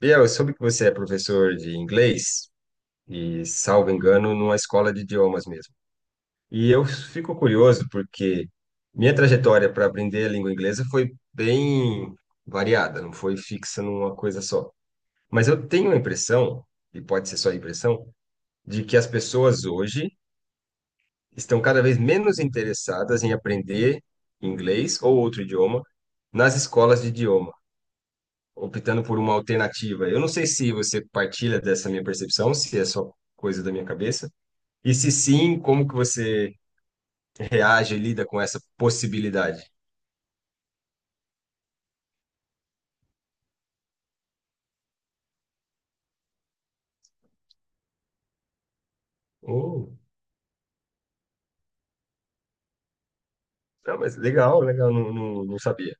Biel, eu soube que você é professor de inglês e, salvo engano, numa escola de idiomas mesmo. E eu fico curioso porque minha trajetória para aprender a língua inglesa foi bem variada, não foi fixa numa coisa só. Mas eu tenho a impressão, e pode ser só a impressão, de que as pessoas hoje estão cada vez menos interessadas em aprender inglês ou outro idioma nas escolas de idioma, optando por uma alternativa. Eu não sei se você partilha dessa minha percepção, se é só coisa da minha cabeça, e se sim, como que você reage e lida com essa possibilidade? Oh, não, mas legal, legal, não, não, não sabia.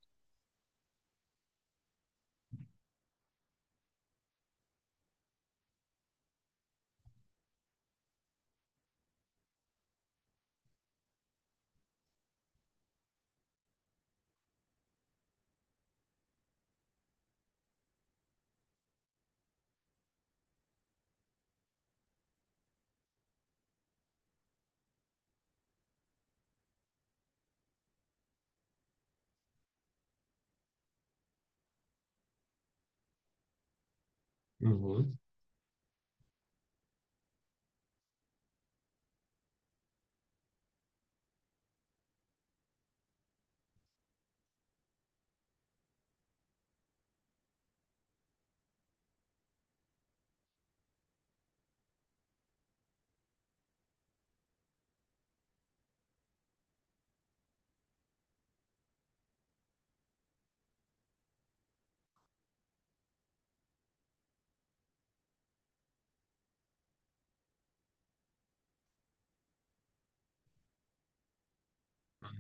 Uhum.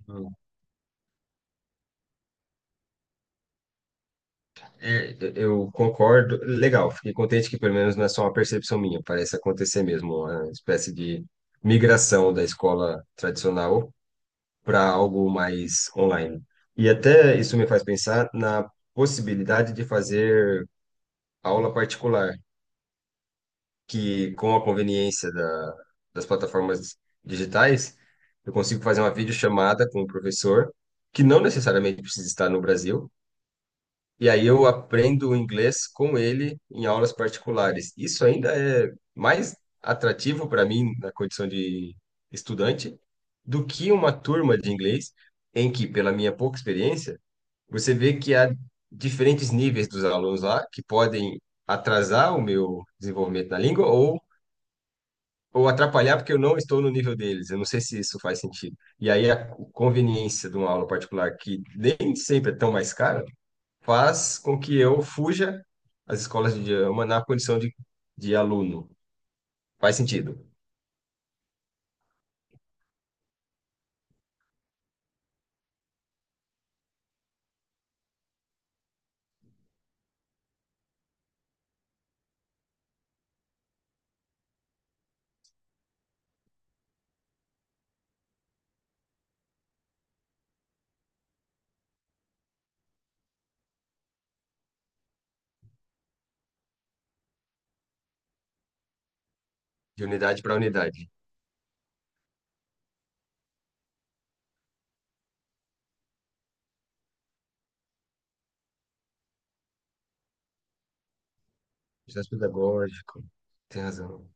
Uhum. É, eu concordo, legal, fiquei contente que pelo menos não é só uma percepção minha, parece acontecer mesmo, uma espécie de migração da escola tradicional para algo mais online. E até isso me faz pensar na possibilidade de fazer aula particular, que com a conveniência das plataformas digitais, eu consigo fazer uma videochamada com o professor, que não necessariamente precisa estar no Brasil, e aí eu aprendo o inglês com ele em aulas particulares. Isso ainda é mais atrativo para mim na condição de estudante do que uma turma de inglês em que, pela minha pouca experiência, você vê que há diferentes níveis dos alunos lá que podem atrasar o meu desenvolvimento na língua ou atrapalhar porque eu não estou no nível deles. Eu não sei se isso faz sentido. E aí a conveniência de uma aula particular que nem sempre é tão mais cara faz com que eu fuja às escolas de idioma na condição de aluno. Faz sentido. De unidade para unidade. Processo pedagógico. Tem razão.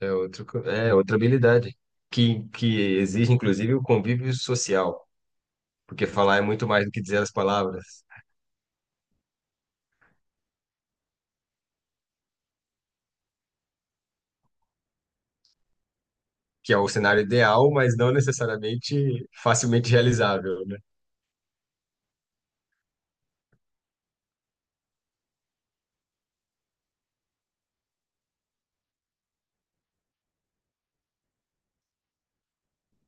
É outra habilidade que exige, inclusive, o convívio social, porque falar é muito mais do que dizer as palavras, que é o cenário ideal, mas não necessariamente facilmente realizável, né?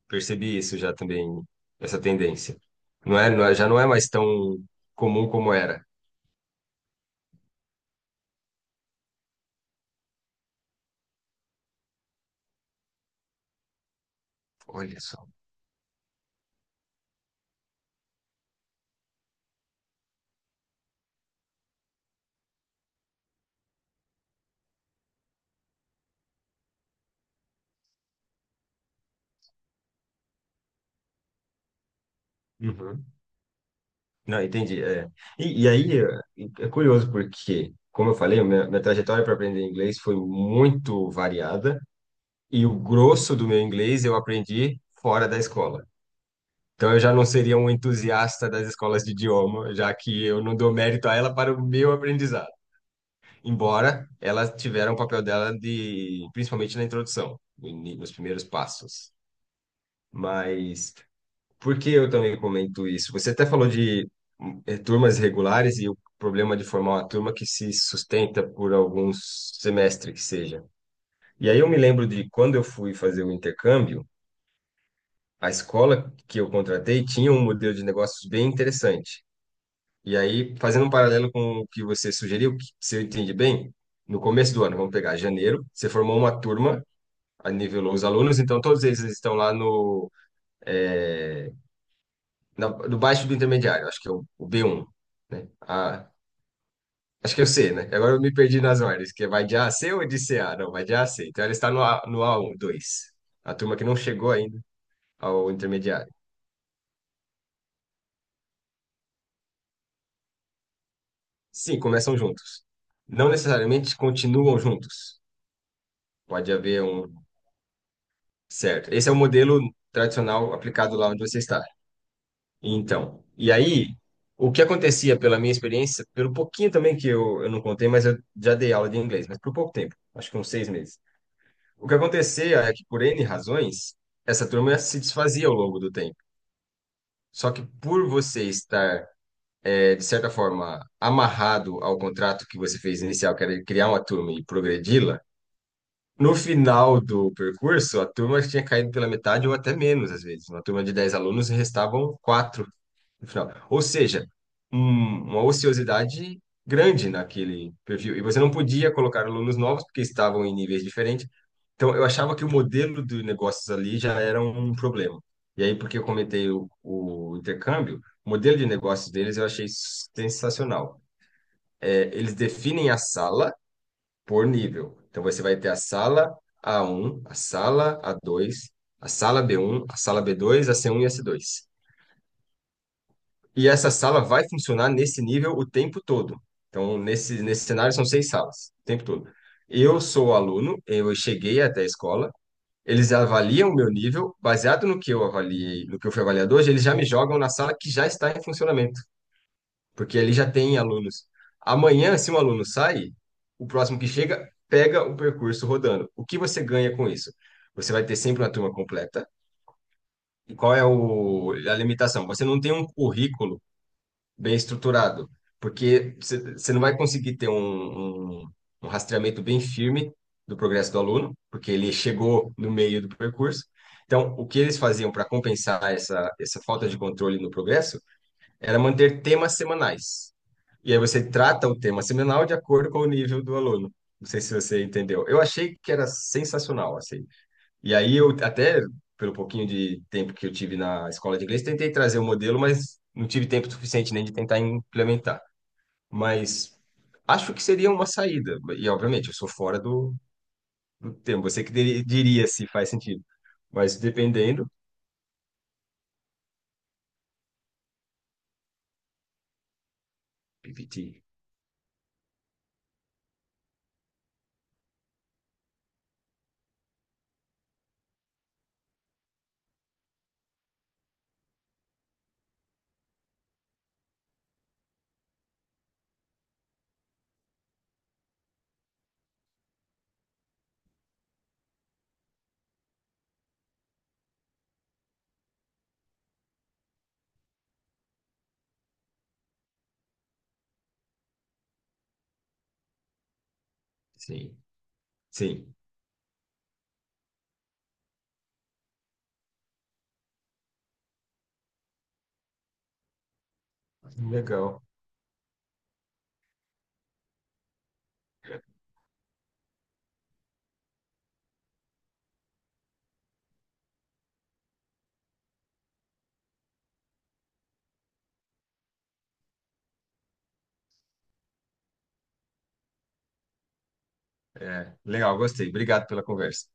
Percebi isso já também, essa tendência. Já não é mais tão comum como era. Olha só. Uhum. Não, entendi. É. E aí, é curioso porque, como eu falei, minha trajetória para aprender inglês foi muito variada. E o grosso do meu inglês eu aprendi fora da escola. Então eu já não seria um entusiasta das escolas de idioma, já que eu não dou mérito a ela para o meu aprendizado. Embora elas tiveram o papel dela de, principalmente na introdução, no ini- nos primeiros passos. Mas por que eu também comento isso? Você até falou de turmas regulares e o problema de formar uma turma que se sustenta por alguns semestres que seja. E aí eu me lembro de quando eu fui fazer o intercâmbio, a escola que eu contratei tinha um modelo de negócios bem interessante. E aí, fazendo um paralelo com o que você sugeriu, que, se eu entendi bem, no começo do ano, vamos pegar janeiro, você formou uma turma, aí nivelou os alunos, então todos eles estão lá é, no baixo do intermediário, acho que é o B1. Né? Acho que é o C, né? Agora eu me perdi nas ordens, que é vai de A a C ou de C a? Não, vai de A a C. Então ela está no A1, 2, a turma que não chegou ainda ao intermediário. Sim, começam juntos. Não necessariamente continuam juntos. Pode haver um. Certo. Esse é o modelo tradicional aplicado lá onde você está. Então, e aí, o que acontecia pela minha experiência, pelo pouquinho também que eu não contei, mas eu já dei aula de inglês, mas por pouco tempo, acho que uns 6 meses. O que acontecia é que, por N razões, essa turma se desfazia ao longo do tempo. Só que por você estar, de certa forma, amarrado ao contrato que você fez inicial, que era criar uma turma e progredi-la, no final do percurso, a turma tinha caído pela metade ou até menos, às vezes. Uma turma de 10 alunos e restavam quatro no final. Ou seja, uma ociosidade grande naquele perfil. E você não podia colocar alunos novos porque estavam em níveis diferentes. Então, eu achava que o modelo de negócios ali já era um problema. E aí, porque eu comentei o intercâmbio, o modelo de negócios deles eu achei sensacional. É, eles definem a sala por nível. Então você vai ter a sala A1, a sala A2, a sala B1, a sala B2, a C1 e a C2. E essa sala vai funcionar nesse nível o tempo todo. Então, nesse cenário, são seis salas, o tempo todo. Eu sou aluno, eu cheguei até a escola, eles avaliam o meu nível, baseado no que eu avaliei, no que eu fui avaliado hoje, eles já me jogam na sala que já está em funcionamento porque ali já tem alunos. Amanhã, se um aluno sai, o próximo que chega pega o percurso rodando. O que você ganha com isso? Você vai ter sempre uma turma completa. E qual é a limitação? Você não tem um currículo bem estruturado, porque você não vai conseguir ter um rastreamento bem firme do progresso do aluno, porque ele chegou no meio do percurso. Então, o que eles faziam para compensar essa falta de controle no progresso era manter temas semanais. E aí você trata o tema seminal de acordo com o nível do aluno. Não sei se você entendeu. Eu achei que era sensacional, assim. E aí eu até, pelo pouquinho de tempo que eu tive na escola de inglês, tentei trazer o modelo, mas não tive tempo suficiente nem de tentar implementar. Mas acho que seria uma saída. E, obviamente, eu sou fora do tema. Você que diria se faz sentido. Mas dependendo... PPT. Sim. Sim. Legal. É, legal, gostei. Obrigado pela conversa.